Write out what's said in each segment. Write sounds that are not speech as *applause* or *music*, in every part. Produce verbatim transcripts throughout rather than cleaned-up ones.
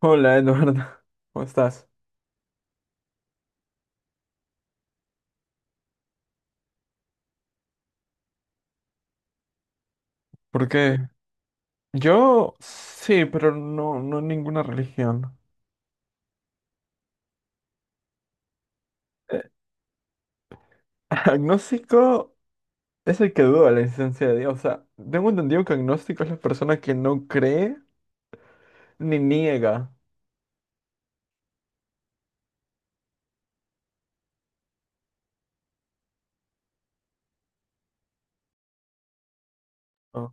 Hola Eduardo, *laughs* ¿cómo estás? ¿Por qué? Yo sí, pero no, no ninguna religión. Eh, *laughs* agnóstico es el que duda la existencia de Dios. O sea, tengo entendido que agnóstico es la persona que no cree ni niega. Oh,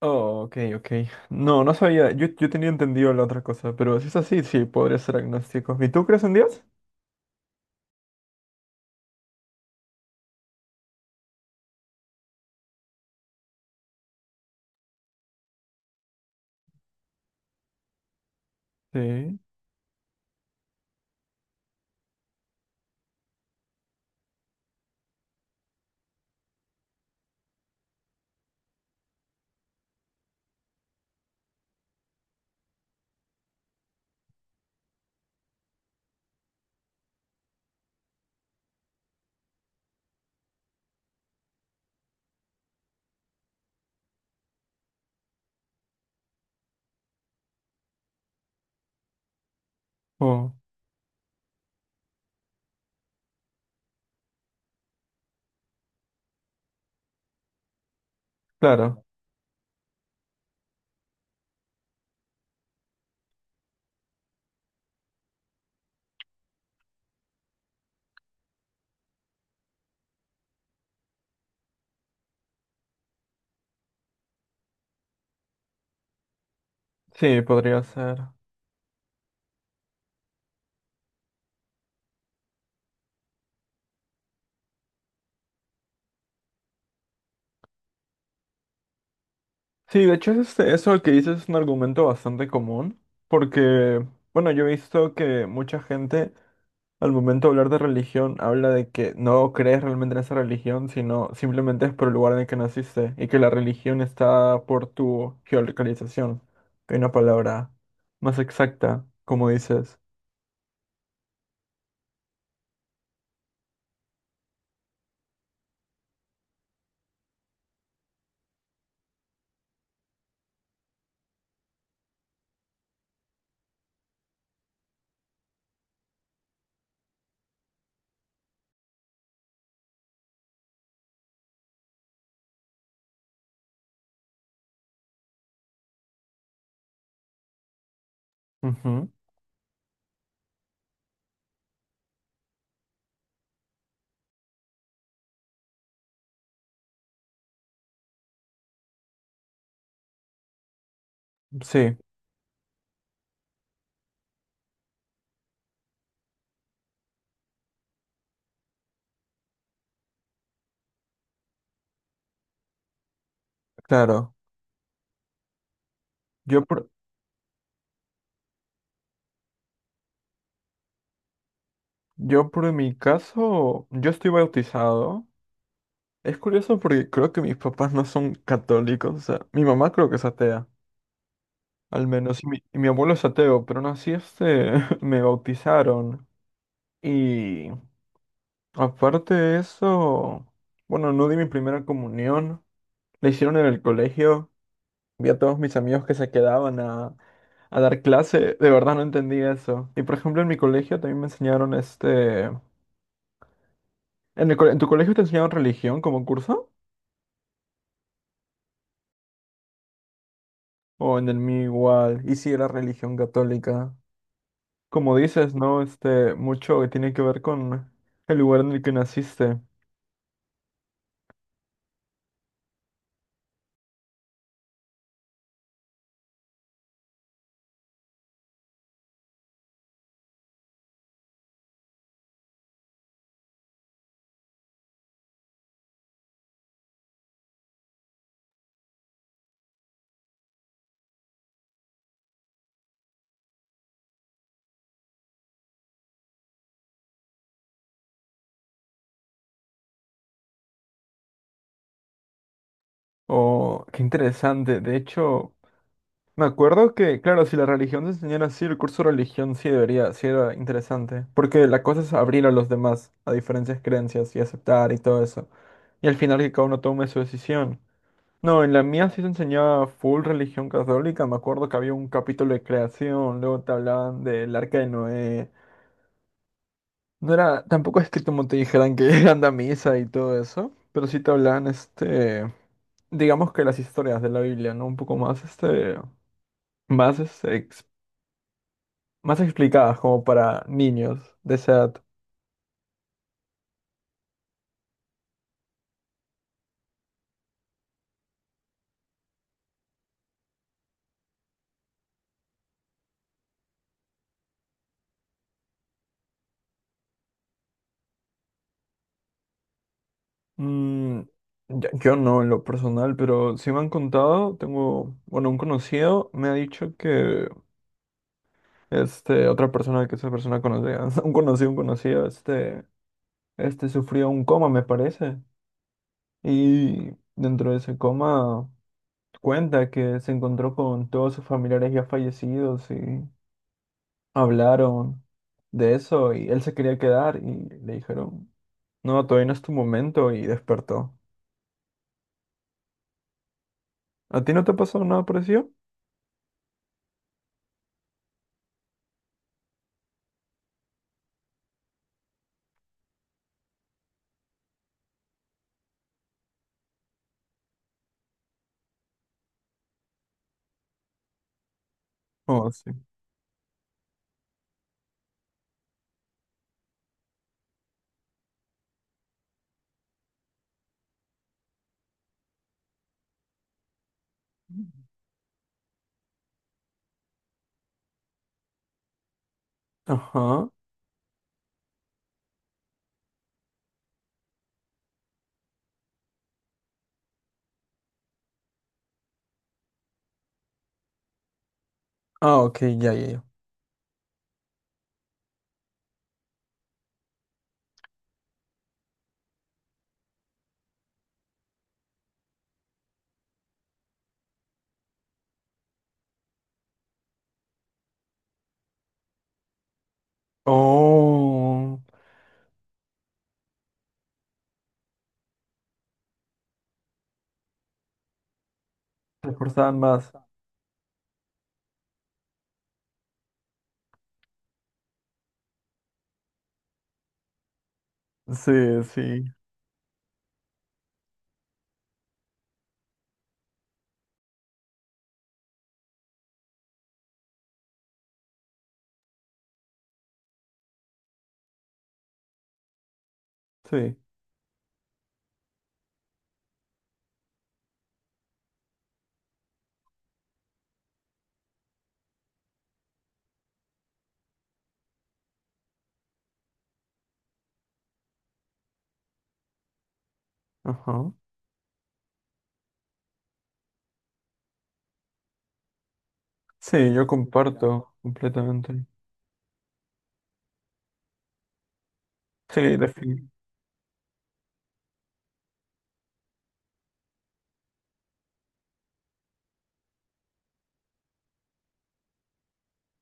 oh, ok, ok. No, no sabía. Yo, yo tenía entendido la otra cosa, pero si es así, sí, podría ser agnóstico. ¿Y tú crees en Dios? Sí. Oh, claro. Sí, podría ser. Sí, de hecho, este, eso que dices es un argumento bastante común, porque, bueno, yo he visto que mucha gente al momento de hablar de religión habla de que no crees realmente en esa religión, sino simplemente es por el lugar en el que naciste y que la religión está por tu geolocalización. Hay una palabra más exacta, como dices. Ujú. Sí, claro. Yo por, yo por mi caso, yo estoy bautizado. Es curioso porque creo que mis papás no son católicos, o sea, mi mamá creo que es atea, al menos, y mi, y mi abuelo es ateo, pero aún así este, *laughs* me bautizaron. Y aparte de eso, bueno, no di mi primera comunión, la hicieron en el colegio, vi a todos mis amigos que se quedaban a, a dar clase, de verdad no entendí eso. Y por ejemplo, en mi colegio también me enseñaron este... ¿En el cole- ¿en tu colegio te enseñaron religión como curso? O en el mío igual, y si era religión católica. Como dices, ¿no? Este, mucho que tiene que ver con el lugar en el que naciste. Oh, qué interesante. De hecho, me acuerdo que, claro, si la religión te enseñara así, el curso de religión sí debería, sí era interesante. Porque la cosa es abrir a los demás a diferentes creencias y aceptar y todo eso. Y al final que cada uno tome su decisión. No, en la mía sí se enseñaba full religión católica. Me acuerdo que había un capítulo de creación, luego te hablaban del arca de Noé. No era, tampoco es que como te dijeran que *laughs* anda a misa y todo eso, pero sí te hablan, este, digamos que las historias de la Biblia, ¿no? Un poco más, este, más, este, ex- más explicadas como para niños de esa edad. Mm, ya- yo no en lo personal, pero sí me han contado, tengo, bueno, un conocido me ha dicho que, este, otra persona, que esa persona conocía *laughs* un conocido, un conocido, este, este sufrió un coma, me parece, y dentro de ese coma... Cuenta que se encontró con todos sus familiares ya fallecidos y hablaron de eso y él se quería quedar y le dijeron, no, todavía no es tu momento y despertó. ¿A ti no te pasó nada parecido? Oh, sí. Ajá. Ah, ok, ya, ya, ya. Oh, te esforzaban más. Sí, sí, sí. Ajá. Sí, yo comparto completamente. Sí, defin-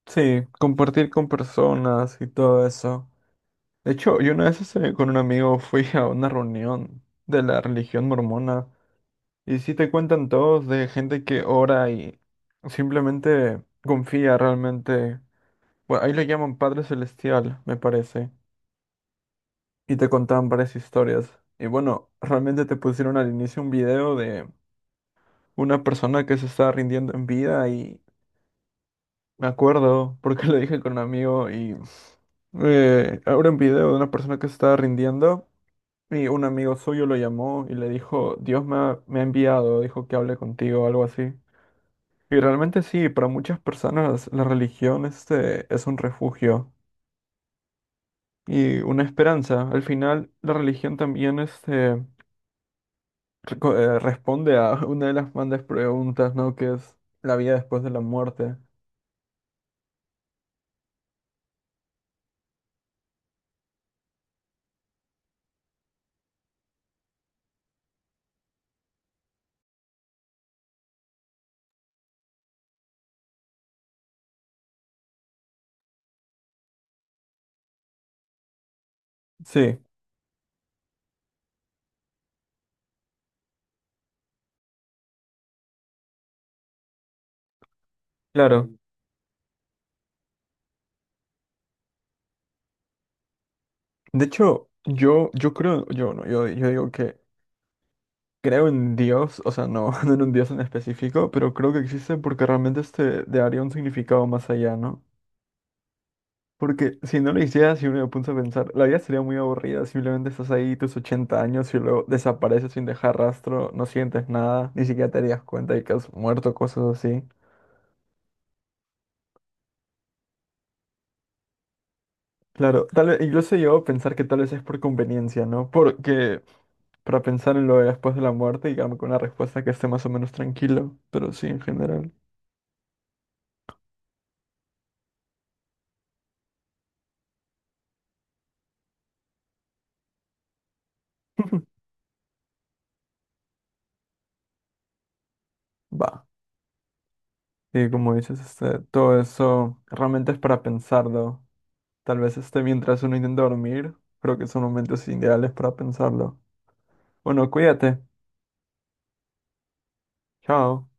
Sí, compartir con personas y todo eso. De hecho, yo una vez este, con un amigo fui a una reunión de la religión mormona y sí te cuentan todos de gente que ora y simplemente confía realmente. Bueno, ahí le llaman Padre Celestial, me parece. Y te contaban varias historias. Y bueno, realmente te pusieron al inicio un video de una persona que se estaba rindiendo en vida y me acuerdo porque *laughs* lo dije con un amigo y eh, ahora un video de una persona que se estaba rindiendo. Y un amigo suyo lo llamó y le dijo, Dios me ha, me ha enviado, dijo que hable contigo, o algo así. Y realmente sí, para muchas personas la religión este, es un refugio y una esperanza. Al final, la religión también este, reco- eh, responde a *laughs* una de las grandes preguntas, ¿no? Que es la vida después de la muerte. Sí, claro. De hecho, yo, yo creo, yo no, yo, yo digo que creo en Dios, o sea, no, *laughs* no en un Dios en específico, pero creo que existe porque realmente este le daría un significado más allá, ¿no? Porque si no lo hiciera, si uno me puso a pensar, la vida sería muy aburrida, simplemente estás ahí tus ochenta años y luego desapareces sin dejar rastro, no sientes nada, ni siquiera te darías cuenta de que has muerto, cosas así. Claro, tal vez, incluso yo a pensar que tal vez es por conveniencia, ¿no? Porque para pensar en lo de después de la muerte y quedarme con una respuesta que esté más o menos tranquilo, pero sí, en general. *laughs* Va. Y como dices, este, todo eso realmente es para pensarlo. Tal vez este, mientras uno intenta dormir, creo que son momentos ideales para pensarlo. Bueno, cuídate. Chao.